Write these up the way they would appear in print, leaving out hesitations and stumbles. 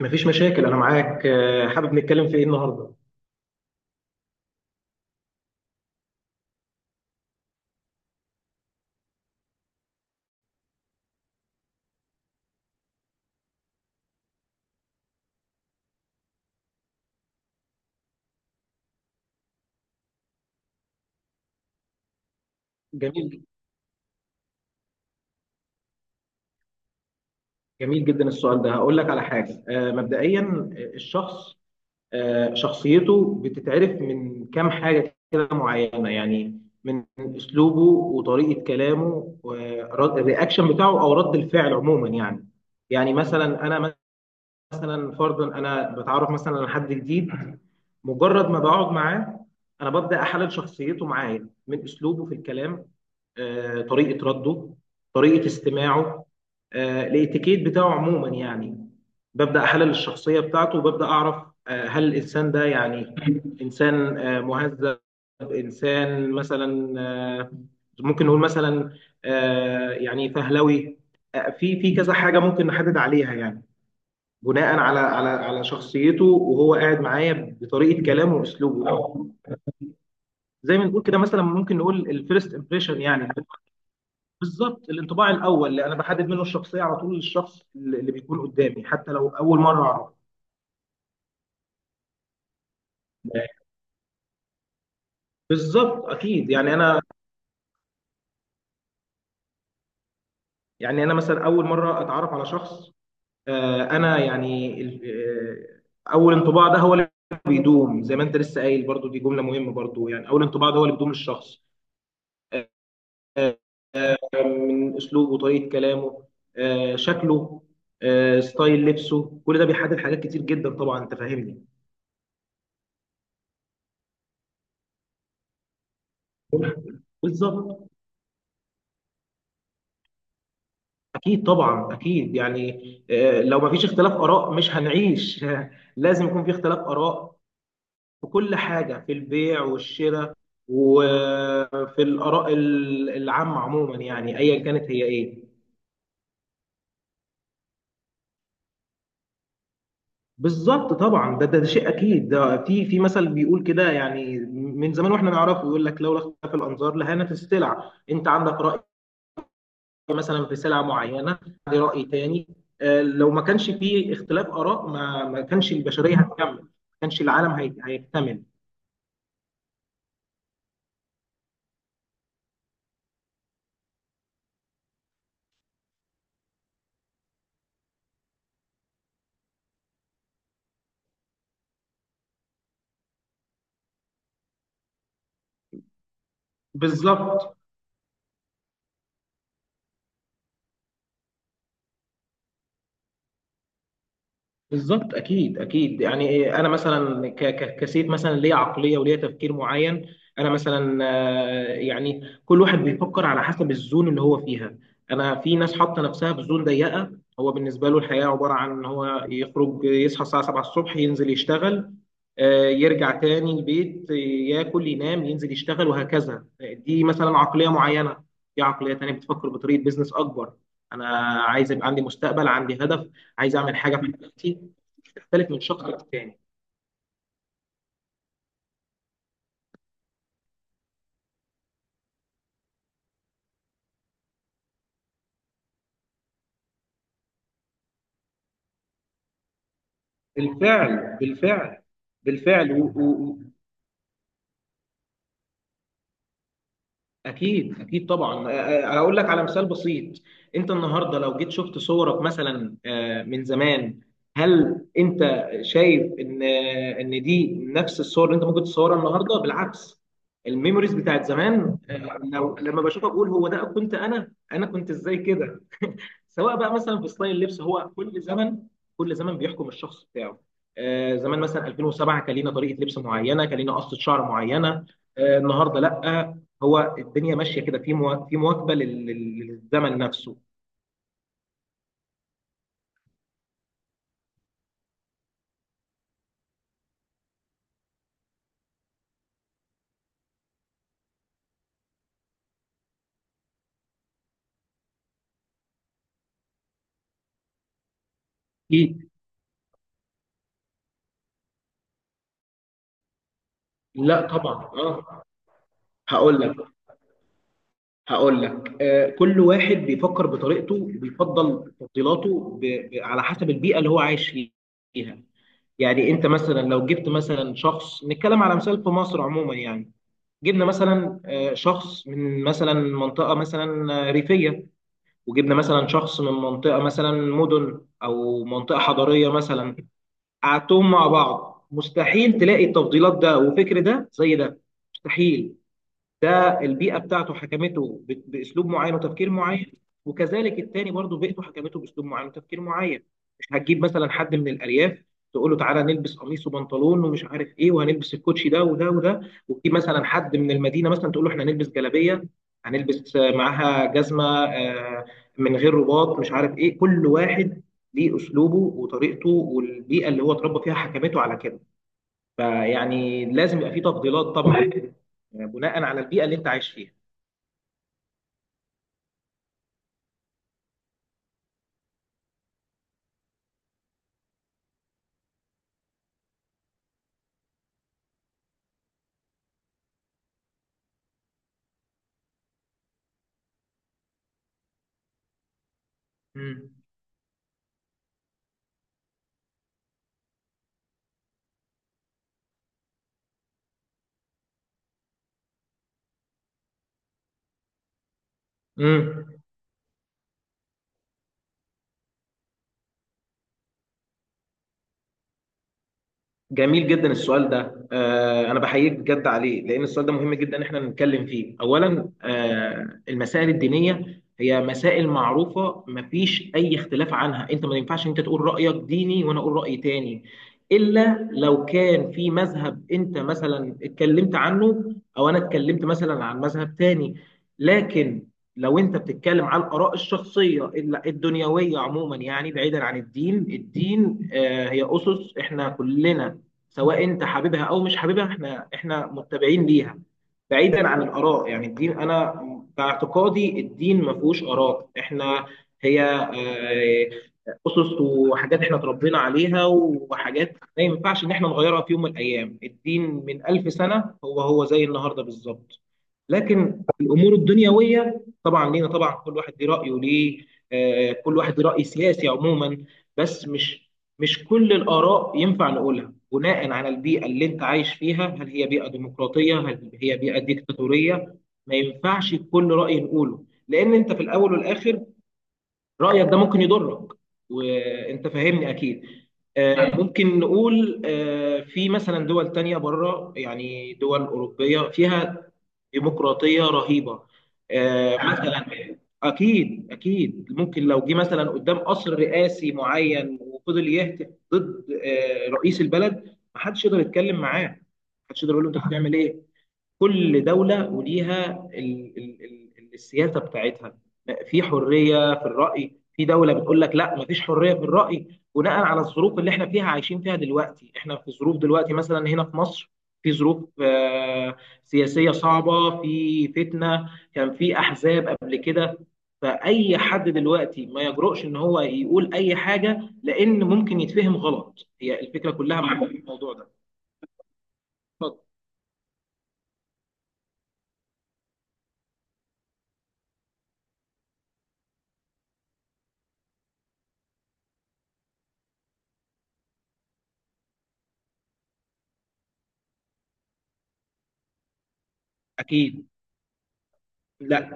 مفيش مشاكل انا معاك حابب نتكلم في ايه النهارده؟ جميل جميل جدا السؤال ده. هقول لك على حاجه، مبدئيا الشخص، شخصيته بتتعرف من كام حاجه كده معينه، يعني من اسلوبه وطريقه كلامه والرياكشن بتاعه او رد الفعل عموما يعني. يعني مثلا انا، مثلا فرضا انا بتعرف مثلا على حد جديد، مجرد ما بقعد معاه انا ببدا احلل شخصيته معايا من اسلوبه في الكلام، طريقه رده، طريقه استماعه، الاتيكيت بتاعه عموما يعني. ببدا احلل الشخصيه بتاعته وببدا اعرف هل الانسان ده يعني انسان مهذب، انسان مثلا، ممكن نقول مثلا يعني فهلوي، في كذا حاجه ممكن نحدد عليها يعني، بناء على شخصيته وهو قاعد معايا، بطريقه كلامه واسلوبه او زي ما نقول كده. مثلا ممكن نقول الفيرست امبريشن، يعني بالظبط الانطباع الاول اللي انا بحدد منه الشخصيه على طول للشخص اللي بيكون قدامي حتى لو اول مره اعرفه. بالظبط اكيد، يعني انا، يعني انا مثلا اول مره اتعرف على شخص، انا يعني اول انطباع ده هو اللي بيدوم. زي ما انت لسه قايل برضو، دي جمله مهمه برضو، يعني اول انطباع ده هو اللي بيدوم للشخص، آه، من اسلوبه، طريقه كلامه، شكله، ستايل لبسه، كل ده بيحدد حاجات كتير جدا طبعا، انت فاهمني. بالظبط، اكيد طبعا اكيد يعني، لو ما فيش اختلاف اراء مش هنعيش لازم يكون في اختلاف اراء في كل حاجه، في البيع والشراء، وفي الاراء العامه عموما يعني، ايا كانت هي ايه. بالظبط طبعا، ده شيء اكيد. ده في مثل بيقول كده يعني، من زمان واحنا نعرفه، يقول لك لولا اختلاف الانظار لهانت السلع. انت عندك راي مثلا في سلعه معينه، عندي راي تاني. لو ما كانش في اختلاف اراء ما كانش البشريه هتكمل، ما كانش العالم هيكتمل. بالظبط بالظبط، اكيد اكيد يعني إيه، انا مثلا كسيف مثلا ليا عقليه وليا تفكير معين. انا مثلا، يعني كل واحد بيفكر على حسب الزون اللي هو فيها. انا في ناس حاطه نفسها في زون ضيقه، هو بالنسبه له الحياه عباره عن ان هو يخرج، يصحى الساعه 7 الصبح ينزل يشتغل، يرجع تاني البيت، ياكل ينام ينزل يشتغل وهكذا، دي مثلا عقليه معينه. في عقليه تانيه بتفكر بطريقه بيزنس اكبر. انا عايز يبقى عندي مستقبل، عندي هدف، عايز اعمل حاجه في حياتي، بتختلف من شخص للتاني. بالفعل بالفعل بالفعل. و- اكيد اكيد طبعا هقول لك على مثال بسيط. انت النهارده لو جيت شفت صورك مثلا، من زمان، هل انت شايف ان ان دي نفس الصور اللي انت ممكن تصورها النهارده؟ بالعكس. الميموريز بتاعت زمان، لو لما بشوفها بقول هو ده كنت انا كنت ازاي كده، سواء بقى مثلا في ستايل اللبس. هو كل زمن، كل زمن بيحكم الشخص بتاعه. آه زمان مثلا 2007 كان لينا طريقه لبس معينه، كان لينا قصه شعر معينه. آه النهارده لا، هو الدنيا ماشيه كده في في مواكبه للزمن نفسه. اكيد. لا طبعا اه، هقول لك، هقول لك، آه كل واحد بيفكر بطريقته، بيفضل تفضيلاته على حسب البيئه اللي هو عايش فيها. يعني انت مثلا لو جبت مثلا شخص، نتكلم على مثال في مصر عموما يعني، جبنا مثلا شخص من مثلا منطقة مثلا ريفية، وجبنا مثلا شخص من منطقة مثلا مدن أو منطقة حضرية مثلا، قعدتهم مع بعض مستحيل تلاقي التفضيلات ده وفكر ده زي ده، مستحيل. ده البيئه بتاعته حكمته باسلوب معين وتفكير معين، وكذلك التاني برضه بيئته حكمته باسلوب معين وتفكير معين. مش هتجيب مثلا حد من الارياف تقول له تعالى نلبس قميص وبنطلون ومش عارف ايه، وهنلبس الكوتشي ده وده وده، وتجيب مثلا حد من المدينه مثلا تقول له احنا هنلبس جلابيه، هنلبس معاها جزمه من غير رباط، مش عارف ايه. كل واحد ليه اسلوبه وطريقته، والبيئه اللي هو اتربى فيها حكمته على كده. فيعني لازم يبقى في تفضيلات طبعا، بناء على البيئه اللي انت عايش فيها. امم، امم. جميل جدا السؤال ده، انا بحييك بجد عليه، لان السؤال ده مهم جدا ان احنا نتكلم فيه. اولا، المسائل الدينيه هي مسائل معروفه، مفيش اي اختلاف عنها. انت ما ينفعش انت تقول رايك ديني وانا اقول راي تاني، الا لو كان في مذهب انت مثلا اتكلمت عنه، او انا اتكلمت مثلا عن مذهب تاني. لكن لو انت بتتكلم على الاراء الشخصيه الدنيويه عموما يعني، بعيدا عن الدين. الدين، هي اسس احنا كلنا، سواء انت حاببها او مش حاببها احنا متبعين ليها، بعيدا عن الاراء. يعني الدين، انا باعتقادي الدين ما فيهوش اراء. احنا هي، اسس وحاجات احنا اتربينا عليها، وحاجات ما ينفعش ان احنا نغيرها في يوم من الايام. الدين من 1000 سنه هو هو زي النهارده بالظبط. لكن الامور الدنيويه طبعا لينا طبعا، كل واحد ليه رايه، ليه كل واحد ليه راي سياسي عموما. بس مش كل الاراء ينفع نقولها، بناء على البيئه اللي انت عايش فيها، هل هي بيئه ديمقراطيه، هل هي بيئه ديكتاتوريه. ما ينفعش كل راي نقوله، لان انت في الاول والاخر رأيك ده ممكن يضرك، وانت فاهمني اكيد. ممكن نقول في مثلا دول تانية بره، يعني دول أوروبية فيها ديمقراطية رهيبة، مثلا، أكيد أكيد ممكن لو جه مثلا قدام قصر رئاسي معين وفضل يهتف ضد رئيس البلد محدش يقدر يتكلم معاه، محدش يقدر يقول له أنت بتعمل إيه؟ كل دولة وليها ال ال ال السياسة بتاعتها. في حرية في الرأي، في دولة بتقول لك لا مفيش حرية في الرأي، بناء على الظروف اللي احنا فيها عايشين فيها دلوقتي. احنا في ظروف دلوقتي مثلا هنا في مصر، في ظروف سياسية صعبة، في فتنة، كان في أحزاب قبل كده، فأي حد دلوقتي ما يجرؤش إن هو يقول أي حاجة، لأن ممكن يتفهم غلط. هي الفكرة كلها مع الموضوع ده. اتفضل. أكيد. لا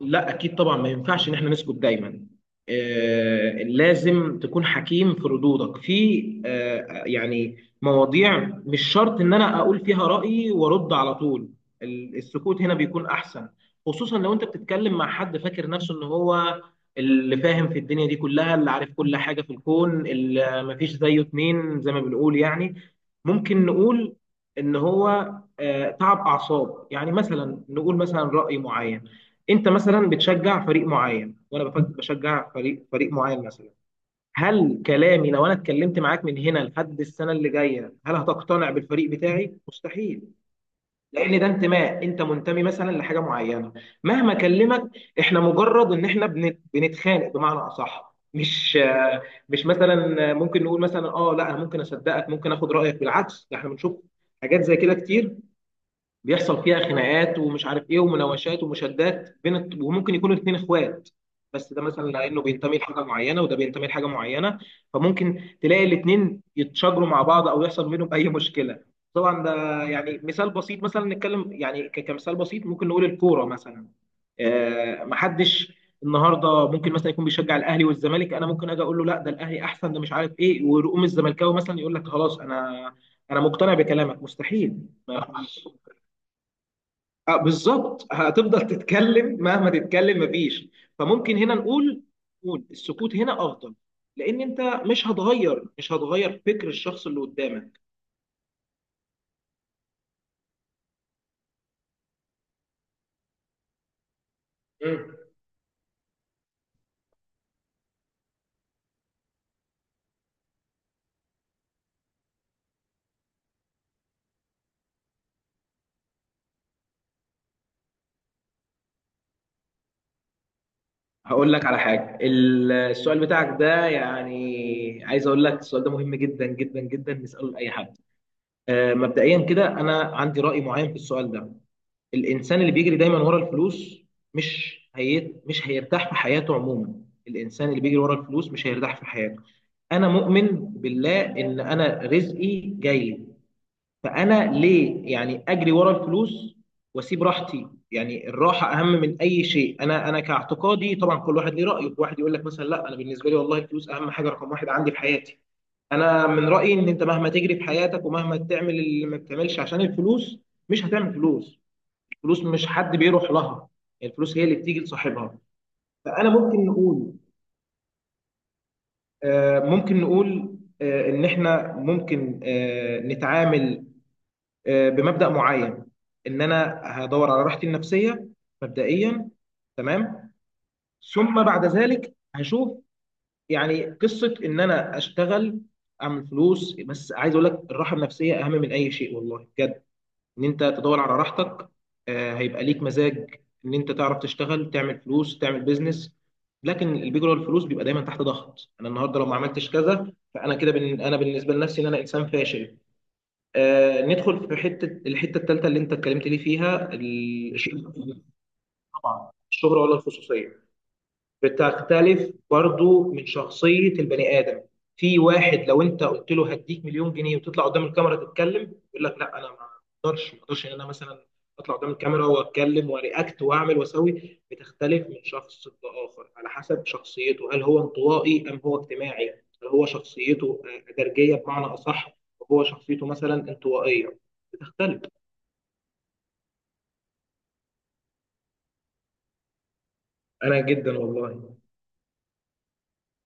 لا اكيد طبعا، ما ينفعش ان احنا نسكت دايما. آه لازم تكون حكيم في ردودك، في آه يعني مواضيع مش شرط ان انا اقول فيها رايي وارد على طول، السكوت هنا بيكون احسن. خصوصا لو انت بتتكلم مع حد فاكر نفسه ان هو اللي فاهم في الدنيا دي كلها، اللي عارف كل حاجه في الكون، اللي مفيش زيه اتنين زي ما بنقول يعني. ممكن نقول ان هو آه تعب اعصاب، يعني مثلا نقول مثلا راي معين، انت مثلا بتشجع فريق معين وانا بشجع فريق معين مثلا، هل كلامي لو انا اتكلمت معاك من هنا لحد السنه اللي جايه هل هتقتنع بالفريق بتاعي؟ مستحيل. لان ده انتماء، انت منتمي مثلا لحاجه معينه، مهما اكلمك. احنا مجرد ان احنا بنتخانق بمعنى اصح، مش آه، مش مثلا ممكن نقول مثلا اه لا انا ممكن اصدقك، ممكن اخد رايك. بالعكس، ده احنا بنشوف حاجات زي كده كتير بيحصل فيها خناقات ومش عارف ايه، ومناوشات ومشادات وممكن يكونوا الاثنين اخوات، بس ده مثلا لانه بينتمي لحاجه معينه، وده بينتمي لحاجه معينه. فممكن تلاقي الاثنين يتشاجروا مع بعض او يحصل بينهم اي مشكله. طبعا ده يعني مثال بسيط، مثلا نتكلم يعني كمثال بسيط ممكن نقول الكوره مثلا. محدش النهارده ممكن مثلا يكون بيشجع الاهلي والزمالك، انا ممكن اجي اقول له لا ده الاهلي احسن، ده مش عارف ايه، ويقوم الزملكاوي مثلا يقول لك خلاص انا مقتنع بكلامك؟ مستحيل، ما يحصلش. بالظبط، هتفضل تتكلم مهما تتكلم مفيش. فممكن هنا نقول، نقول السكوت هنا افضل، لان انت مش هتغير فكر الشخص اللي قدامك. مم. هقول لك على حاجه، السؤال بتاعك ده يعني، عايز اقول لك السؤال ده مهم جدا جدا جدا نساله لاي حد. مبدئيا كده انا عندي راي معين في السؤال ده. الانسان اللي بيجري دايما ورا الفلوس مش هيرتاح في حياته عموما. الانسان اللي بيجري ورا الفلوس مش هيرتاح في حياته. انا مؤمن بالله ان انا رزقي جاي، فانا ليه يعني اجري ورا الفلوس واسيب راحتي؟ يعني الراحه اهم من اي شيء. انا كاعتقادي طبعا كل واحد ليه رايه، واحد يقول لك مثلا لا انا بالنسبه لي والله الفلوس اهم حاجه، رقم واحد عندي في حياتي. انا من رايي ان انت مهما تجري في حياتك ومهما تعمل اللي ما بتعملش عشان الفلوس مش هتعمل فلوس. الفلوس مش حد بيروح لها، يعني الفلوس هي اللي بتيجي لصاحبها. فانا ممكن نقول ممكن نقول ان احنا ممكن نتعامل بمبدأ معين، ان انا هدور على راحتي النفسية مبدئيا، تمام. ثم بعد ذلك هشوف يعني قصة ان انا اشتغل اعمل فلوس، بس عايز اقول لك الراحة النفسية اهم من اي شيء والله بجد. ان انت تدور على راحتك، هيبقى ليك مزاج ان انت تعرف تشتغل، تعمل فلوس، تعمل بيزنس. لكن البيج رول الفلوس بيبقى دايما تحت ضغط، انا النهارده لو ما عملتش كذا فانا كده انا بالنسبه لنفسي ان انا انسان فاشل. آه ندخل في الحته الثالثه اللي انت اتكلمت لي فيها، الشغل. طبعا الشهره ولا الخصوصيه بتختلف برضو من شخصية البني آدم. في واحد لو انت قلت له هديك 1,000,000 جنيه وتطلع قدام الكاميرا تتكلم يقول لك لا انا، ما اقدرش ان انا مثلا اطلع قدام الكاميرا واتكلم وارياكت واعمل واسوي. بتختلف من شخص لاخر على حسب شخصيته، هل هو انطوائي ام هو اجتماعي، هل هو شخصيته درجية بمعنى اصح، وهو شخصيته مثلا انطوائية بتختلف. انا جدا والله.